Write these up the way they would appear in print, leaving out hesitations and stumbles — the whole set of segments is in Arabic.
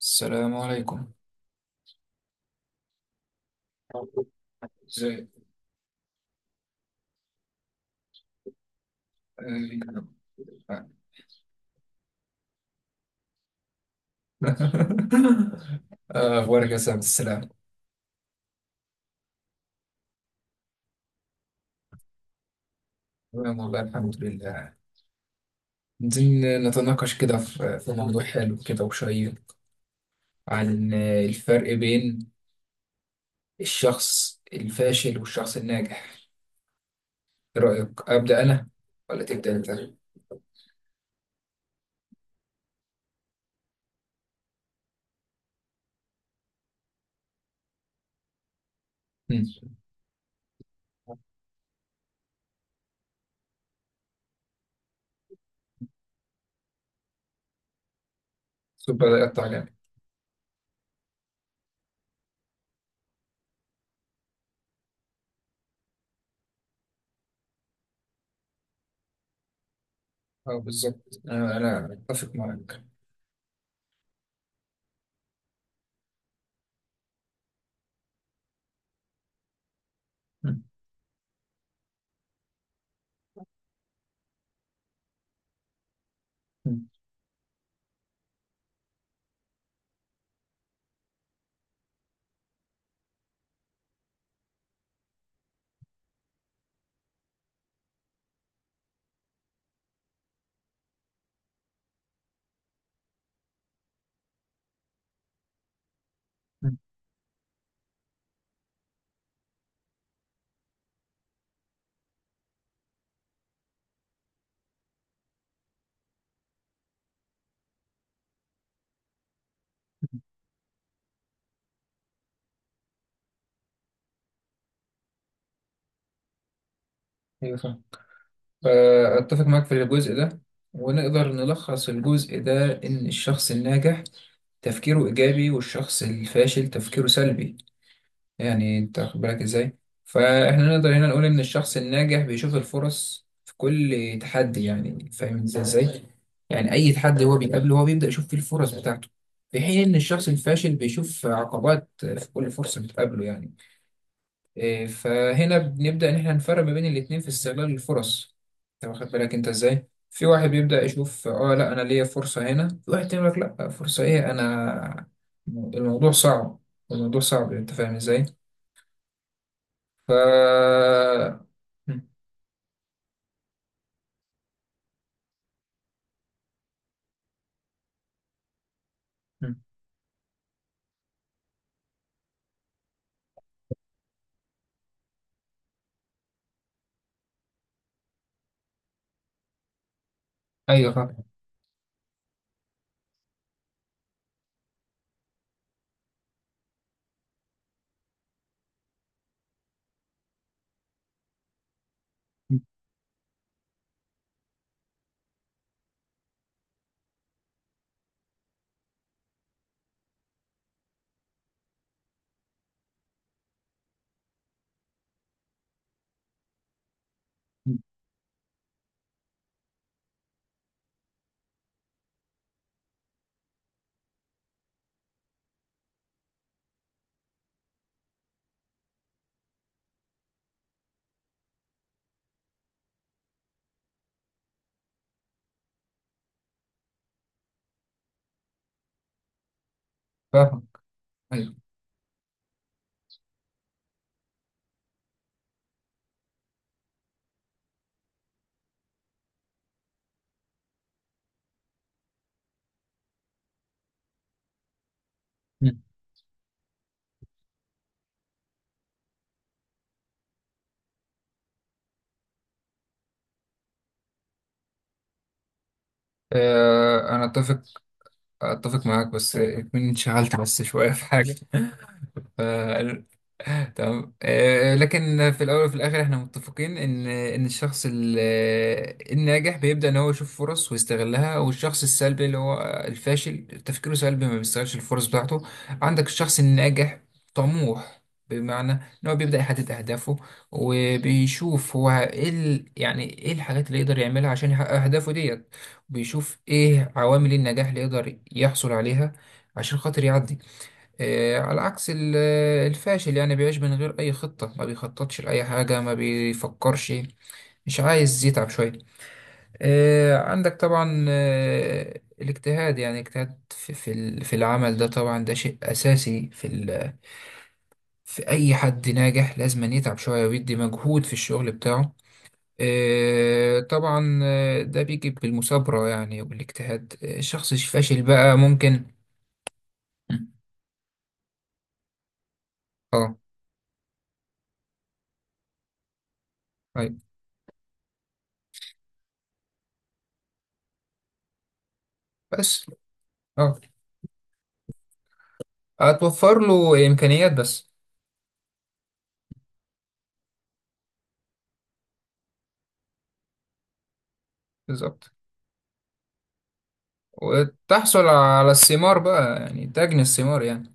السلام عليكم. ازيك؟ آه. اخبارك يا سعد السلام. تمام والله الحمد لله. عايزين نتناقش كده في موضوع حلو كده وشيق، عن الفرق بين الشخص الفاشل والشخص الناجح. ايه رأيك، أبدأ أنا ولا تبدأ أنت؟ مم. طب بدأ يقطع جامد. اه، بالظبط، انا اتفق معاك. مم. مم. مم. ايوه، فأتفق معك في الجزء ده، ونقدر نلخص الجزء ده إن الشخص الناجح تفكيره إيجابي والشخص الفاشل تفكيره سلبي. يعني أنت واخد بالك إزاي؟ فإحنا نقدر هنا نقول إن الشخص الناجح بيشوف الفرص في كل تحدي، يعني فاهم إزاي إزاي؟ يعني أي تحدي هو بيقابله هو بيبدأ يشوف فيه الفرص بتاعته، في حين إن الشخص الفاشل بيشوف عقبات في كل فرصة بتقابله يعني. فهنا بنبدأ إن إحنا نفرق ما بين الاتنين في استغلال الفرص. أنت واخد بالك أنت إزاي؟ في واحد بيبدأ يشوف لأ أنا ليا فرصة هنا، في واحد يقول لك لأ فرصة إيه، أنا الموضوع صعب، الموضوع صعب، أنت فاهم إزاي؟ ف م- م. أيوه فاهم. م- م. فاهم. أيوه. م. أنا أتفق معاك، بس إكمن انشغلت بس شوية في حاجة. ف... تمام. لكن في الاول وفي الاخر احنا متفقين ان الشخص الناجح بيبدا ان هو يشوف فرص ويستغلها، والشخص السلبي اللي هو الفاشل تفكيره سلبي ما بيستغلش الفرص بتاعته. عندك الشخص الناجح طموح، بمعنى ان هو بيبدا يحدد اهدافه وبيشوف هو ايه يعني ايه الحاجات اللي يقدر يعملها عشان يحقق اهدافه ديت. بيشوف ايه عوامل النجاح اللي يقدر يحصل عليها عشان خاطر يعدي. على عكس الفاشل يعني بيعيش من غير أي خطة، ما بيخططش لأي حاجة، ما بيفكرش، مش عايز يتعب شوية. عندك طبعا الاجتهاد، يعني اجتهاد في في العمل ده، طبعا ده شيء أساسي في أي حد ناجح، لازم أن يتعب شوية ويدي مجهود في الشغل بتاعه. طبعا ده بيجي بالمثابرة يعني والاجتهاد. الشخص الفاشل بقى ممكن. اه. طيب. بس. اه. هتوفر له إمكانيات بس. بالظبط. وتحصل على الثمار بقى، يعني تجني الثمار يعني.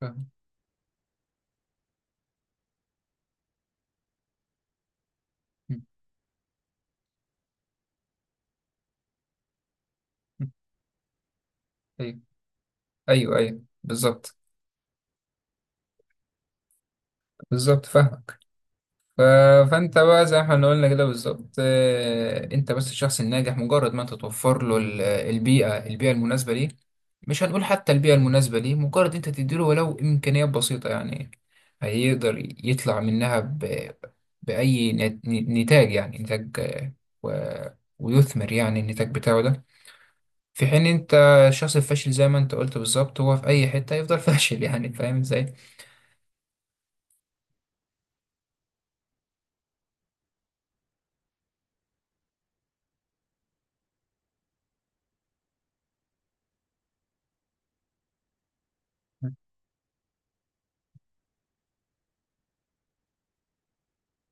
فاهم. م. م. أيوه أيوه أيوه. بالظبط. بالظبط، فاهمك. ف- فانت بقى زي ما احنا قلنا كده بالظبط، انت بس الشخص الناجح مجرد ما انت توفر له البيئه البيئه المناسبه ليه. مش هنقول حتى البيئه المناسبه ليه، مجرد انت تديله ولو امكانيات بسيطه يعني هيقدر يطلع منها باي نتاج يعني نتاج و... ويثمر يعني النتاج بتاعه ده. في حين انت الشخص الفاشل زي ما انت قلت بالظبط، هو في اي حته يفضل فاشل يعني فاهم ازاي.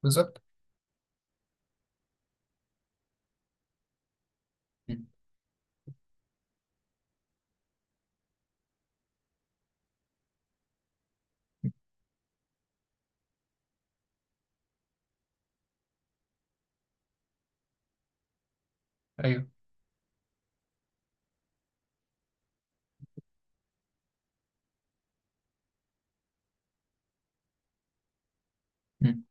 بالظبط. مم. ايوه. مم.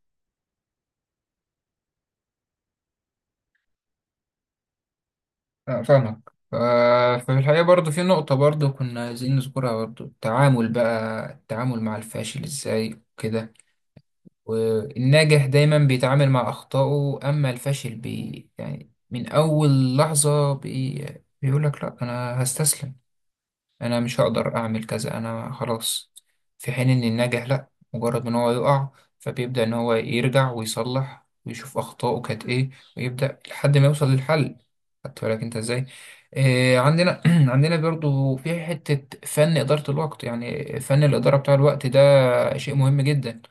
فاهمك. ففي الحقيقة برضو في نقطة برضو كنا عايزين نذكرها برضو، التعامل بقى التعامل مع الفاشل ازاي وكده. والناجح دايما بيتعامل مع أخطائه، أما الفاشل يعني من أول لحظة بيقولك لأ أنا هستسلم، انا مش هقدر اعمل كذا، انا خلاص. في حين ان الناجح لا، مجرد ان هو يقع فبيبدأ ان هو يرجع ويصلح ويشوف اخطائه كانت ايه، ويبدأ لحد ما يوصل للحل. خدت بالك انت ازاي؟ عندنا عندنا برضو في حتة فن إدارة الوقت، يعني فن الإدارة بتاع الوقت ده شيء مهم جدا.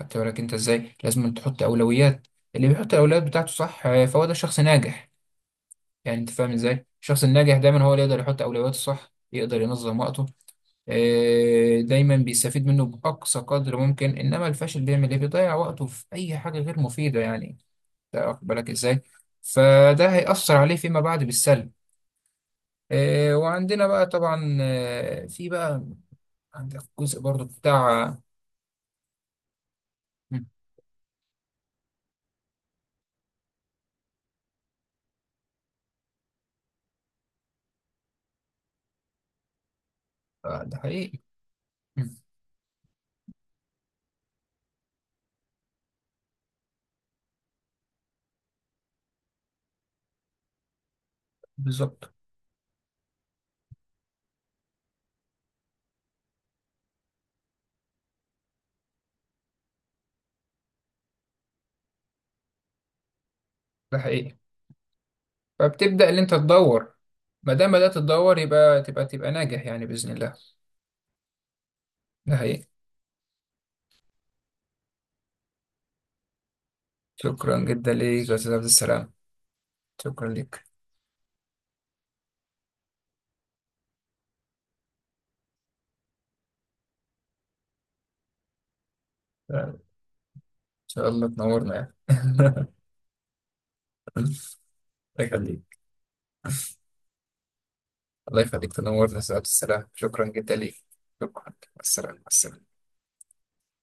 خدت بالك انت ازاي؟ لازم تحط أولويات. اللي بيحط الأولويات بتاعته صح، فهو ده شخص ناجح. يعني انت فاهم ازاي، الشخص الناجح دايما هو اللي يقدر يحط أولوياته صح، يقدر ينظم وقته. دايما بيستفيد منه بأقصى قدر ممكن، إنما الفاشل بيعمل إيه، بيضيع وقته في أي حاجة غير مفيدة يعني. أنت واخد بالك إزاي؟ فده هيأثر عليه فيما بعد بالسلب. وعندنا بقى طبعا في بقى عندك جزء برضو بتاع. مم. ده حقيقي. مم. بالظبط. ده حقيقي، فبتبدأ اللي أنت تدور. ما دام بدأت تدور يبقى تبقى ناجح يعني بإذن الله. ده حقيقي. شكرا جدا ليك يا أستاذ عبد السلام. شكرا ليك. شاء الله تنورنا يعني. الله يخليك. الله يخليك تنورنا سعادة السلام. شكرا جدا ليك. شكرا، مع السلامة، مع السلامة.